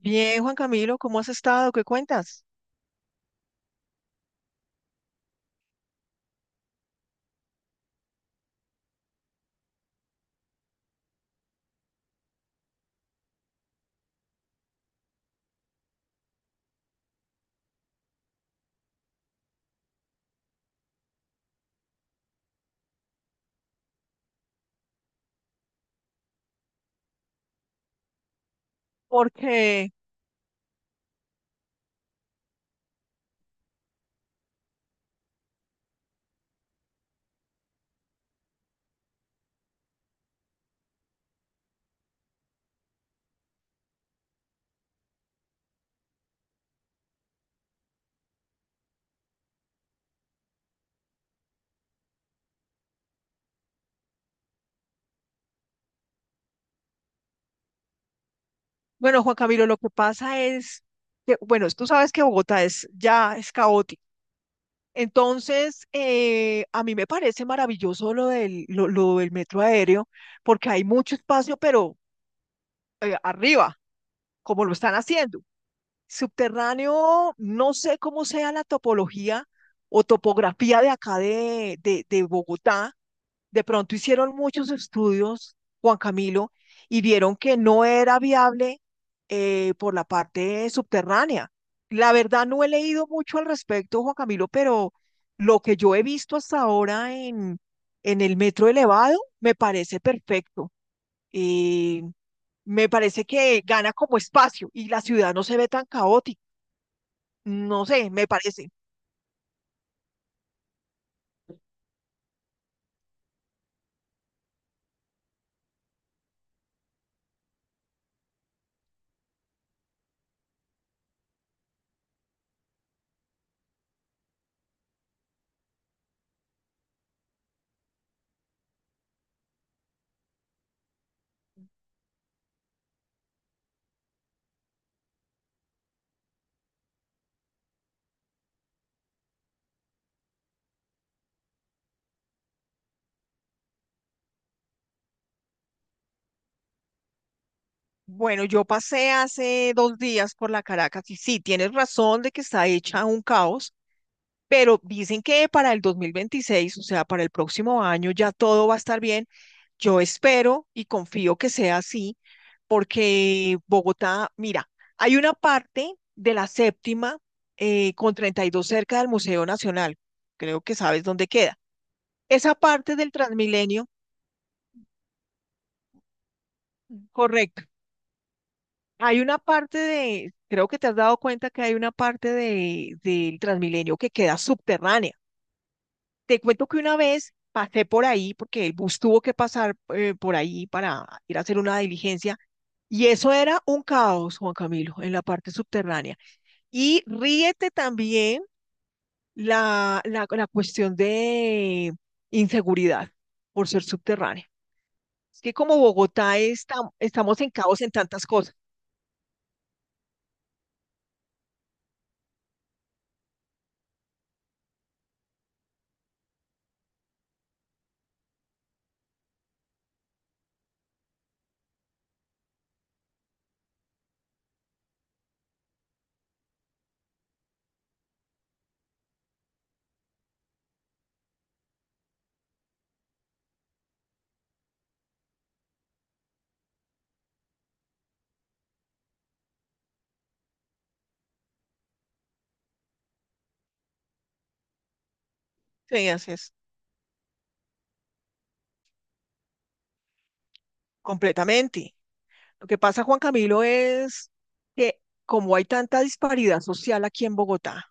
Bien, Juan Camilo, ¿cómo has estado? ¿Qué cuentas? Porque, bueno, Juan Camilo, lo que pasa es que, bueno, tú sabes que Bogotá es ya es caótico. Entonces, a mí me parece maravilloso lo del metro aéreo, porque hay mucho espacio, pero arriba, como lo están haciendo. Subterráneo, no sé cómo sea la topología o topografía de acá de Bogotá. De pronto hicieron muchos estudios, Juan Camilo, y vieron que no era viable, por la parte subterránea. La verdad no he leído mucho al respecto, Juan Camilo, pero lo que yo he visto hasta ahora en el metro elevado me parece perfecto. Eh, Me parece que gana como espacio y la ciudad no se ve tan caótica. No sé, me parece. Bueno, yo pasé hace dos días por la Caracas y sí, tienes razón de que está hecha un caos, pero dicen que para el 2026, o sea, para el próximo año ya todo va a estar bien. Yo espero y confío que sea así, porque Bogotá, mira, hay una parte de la séptima con 32 cerca del Museo Nacional, creo que sabes dónde queda. Esa parte del Transmilenio, correcto. Hay una parte de, creo que te has dado cuenta que hay una parte de, del Transmilenio que queda subterránea. Te cuento que una vez pasé por ahí, porque el bus tuvo que pasar, por ahí para ir a hacer una diligencia, y eso era un caos, Juan Camilo, en la parte subterránea. Y ríete también la cuestión de inseguridad por ser subterránea. Es que como Bogotá está, estamos en caos en tantas cosas. Sí, así es, completamente. Lo que pasa, Juan Camilo, es que como hay tanta disparidad social aquí en Bogotá,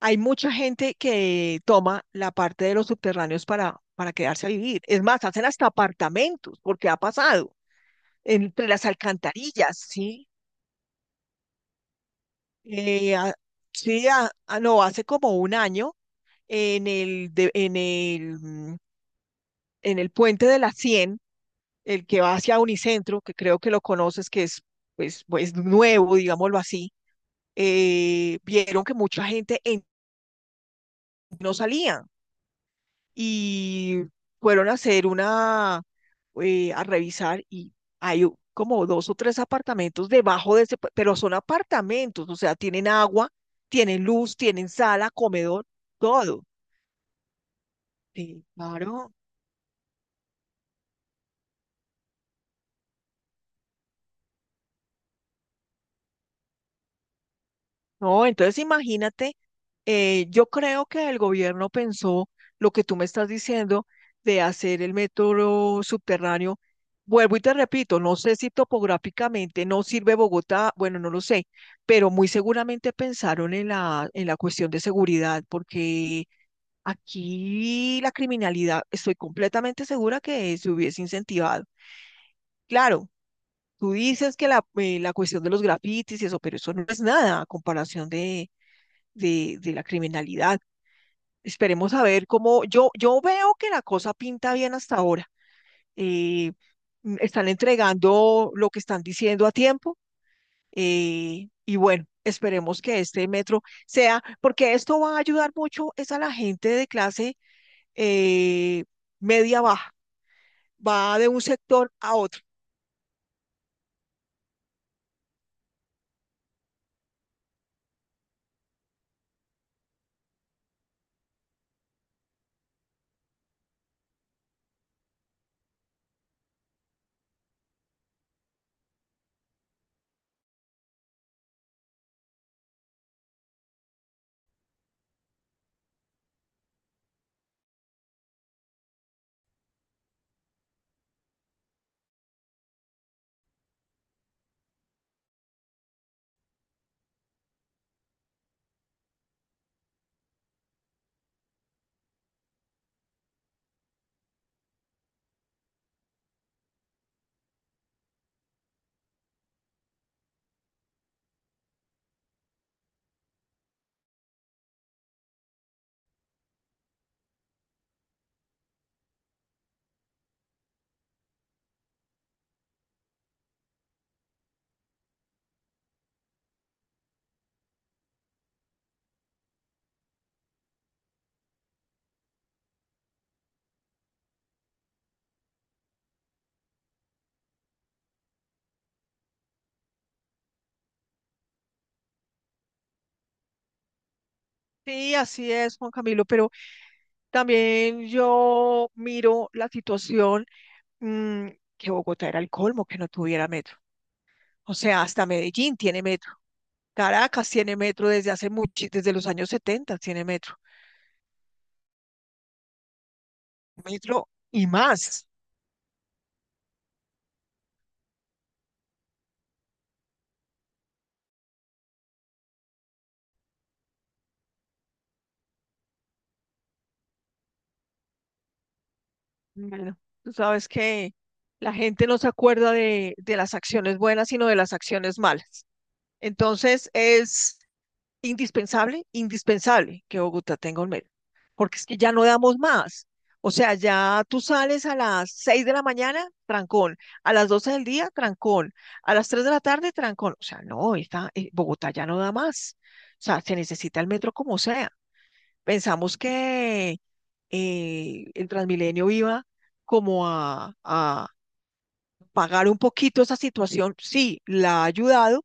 hay mucha gente que toma la parte de los subterráneos para quedarse a vivir. Es más, hacen hasta apartamentos, porque ha pasado entre las alcantarillas, ¿sí? Eh, a- sí, no, hace como un año en el, de- en el, en el puente de la Cien, el que va hacia Unicentro, que creo que lo conoces, que es pues, pues nuevo, digámoslo así, vieron que mucha gente en- no salía y fueron a hacer una, a revisar y hay u- como dos o tres apartamentos debajo de ese, pa- pero son apartamentos, o sea, tienen agua, tienen luz, tienen sala, comedor, todo. Sí, claro. No, entonces imagínate, yo creo que el gobierno pensó lo que tú me estás diciendo de hacer el metro subterráneo. Vuelvo y te repito, no sé si topográficamente no sirve Bogotá, bueno, no lo sé, pero muy seguramente pensaron en en la cuestión de seguridad, porque aquí la criminalidad, estoy completamente segura que se hubiese incentivado. Claro, tú dices que la, la cuestión de los grafitis y eso, pero eso no es nada a comparación de la criminalidad. Esperemos a ver cómo yo veo que la cosa pinta bien hasta ahora. Eh, Están entregando lo que están diciendo a tiempo, y bueno, esperemos que este metro sea, porque esto va a ayudar mucho es a la gente de clase, eh, media baja, va de un sector a otro. Sí, así es, Juan Camilo, pero también yo miro la situación, mm, que Bogotá era el colmo que no tuviera metro. O sea, hasta Medellín tiene metro. Caracas tiene metro desde hace mucho, desde los años 70 tiene metro. Metro y más. Bueno, tú sabes que la gente no se acuerda de las acciones buenas, sino de las acciones malas. Entonces, es indispensable, indispensable que Bogotá tenga un metro, porque es que ya no damos más. O sea, ya tú sales a las 6 de la mañana, trancón, a las 12 del día, trancón, a las 3 de la tarde, trancón. O sea, no, esta, Bogotá ya no da más. O sea, se necesita el metro como sea. Pensamos que el Transmilenio iba como a pagar un poquito esa situación. Sí, la ha ayudado,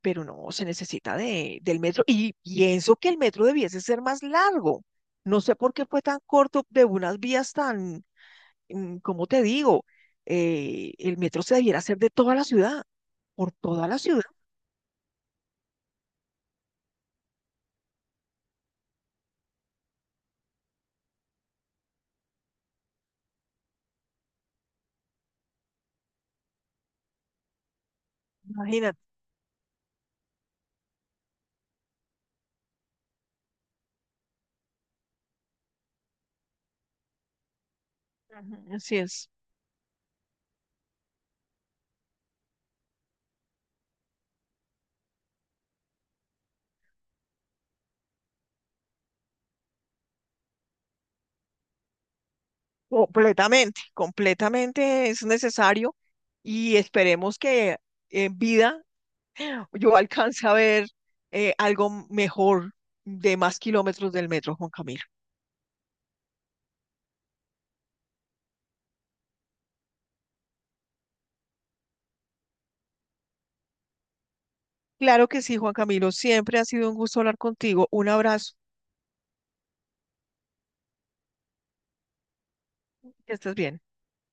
pero no, se necesita del metro y pienso que el metro debiese ser más largo. No sé por qué fue tan corto de unas vías tan, ¿cómo te digo? El metro se debiera hacer de toda la ciudad, por toda la ciudad, imagínate. Ujú. Así es, completamente, completamente es necesario y esperemos que en vida yo alcance a ver, algo mejor de más kilómetros del metro, Juan Camilo. Claro que sí, Juan Camilo. Siempre ha sido un gusto hablar contigo. Un abrazo. Que estés bien.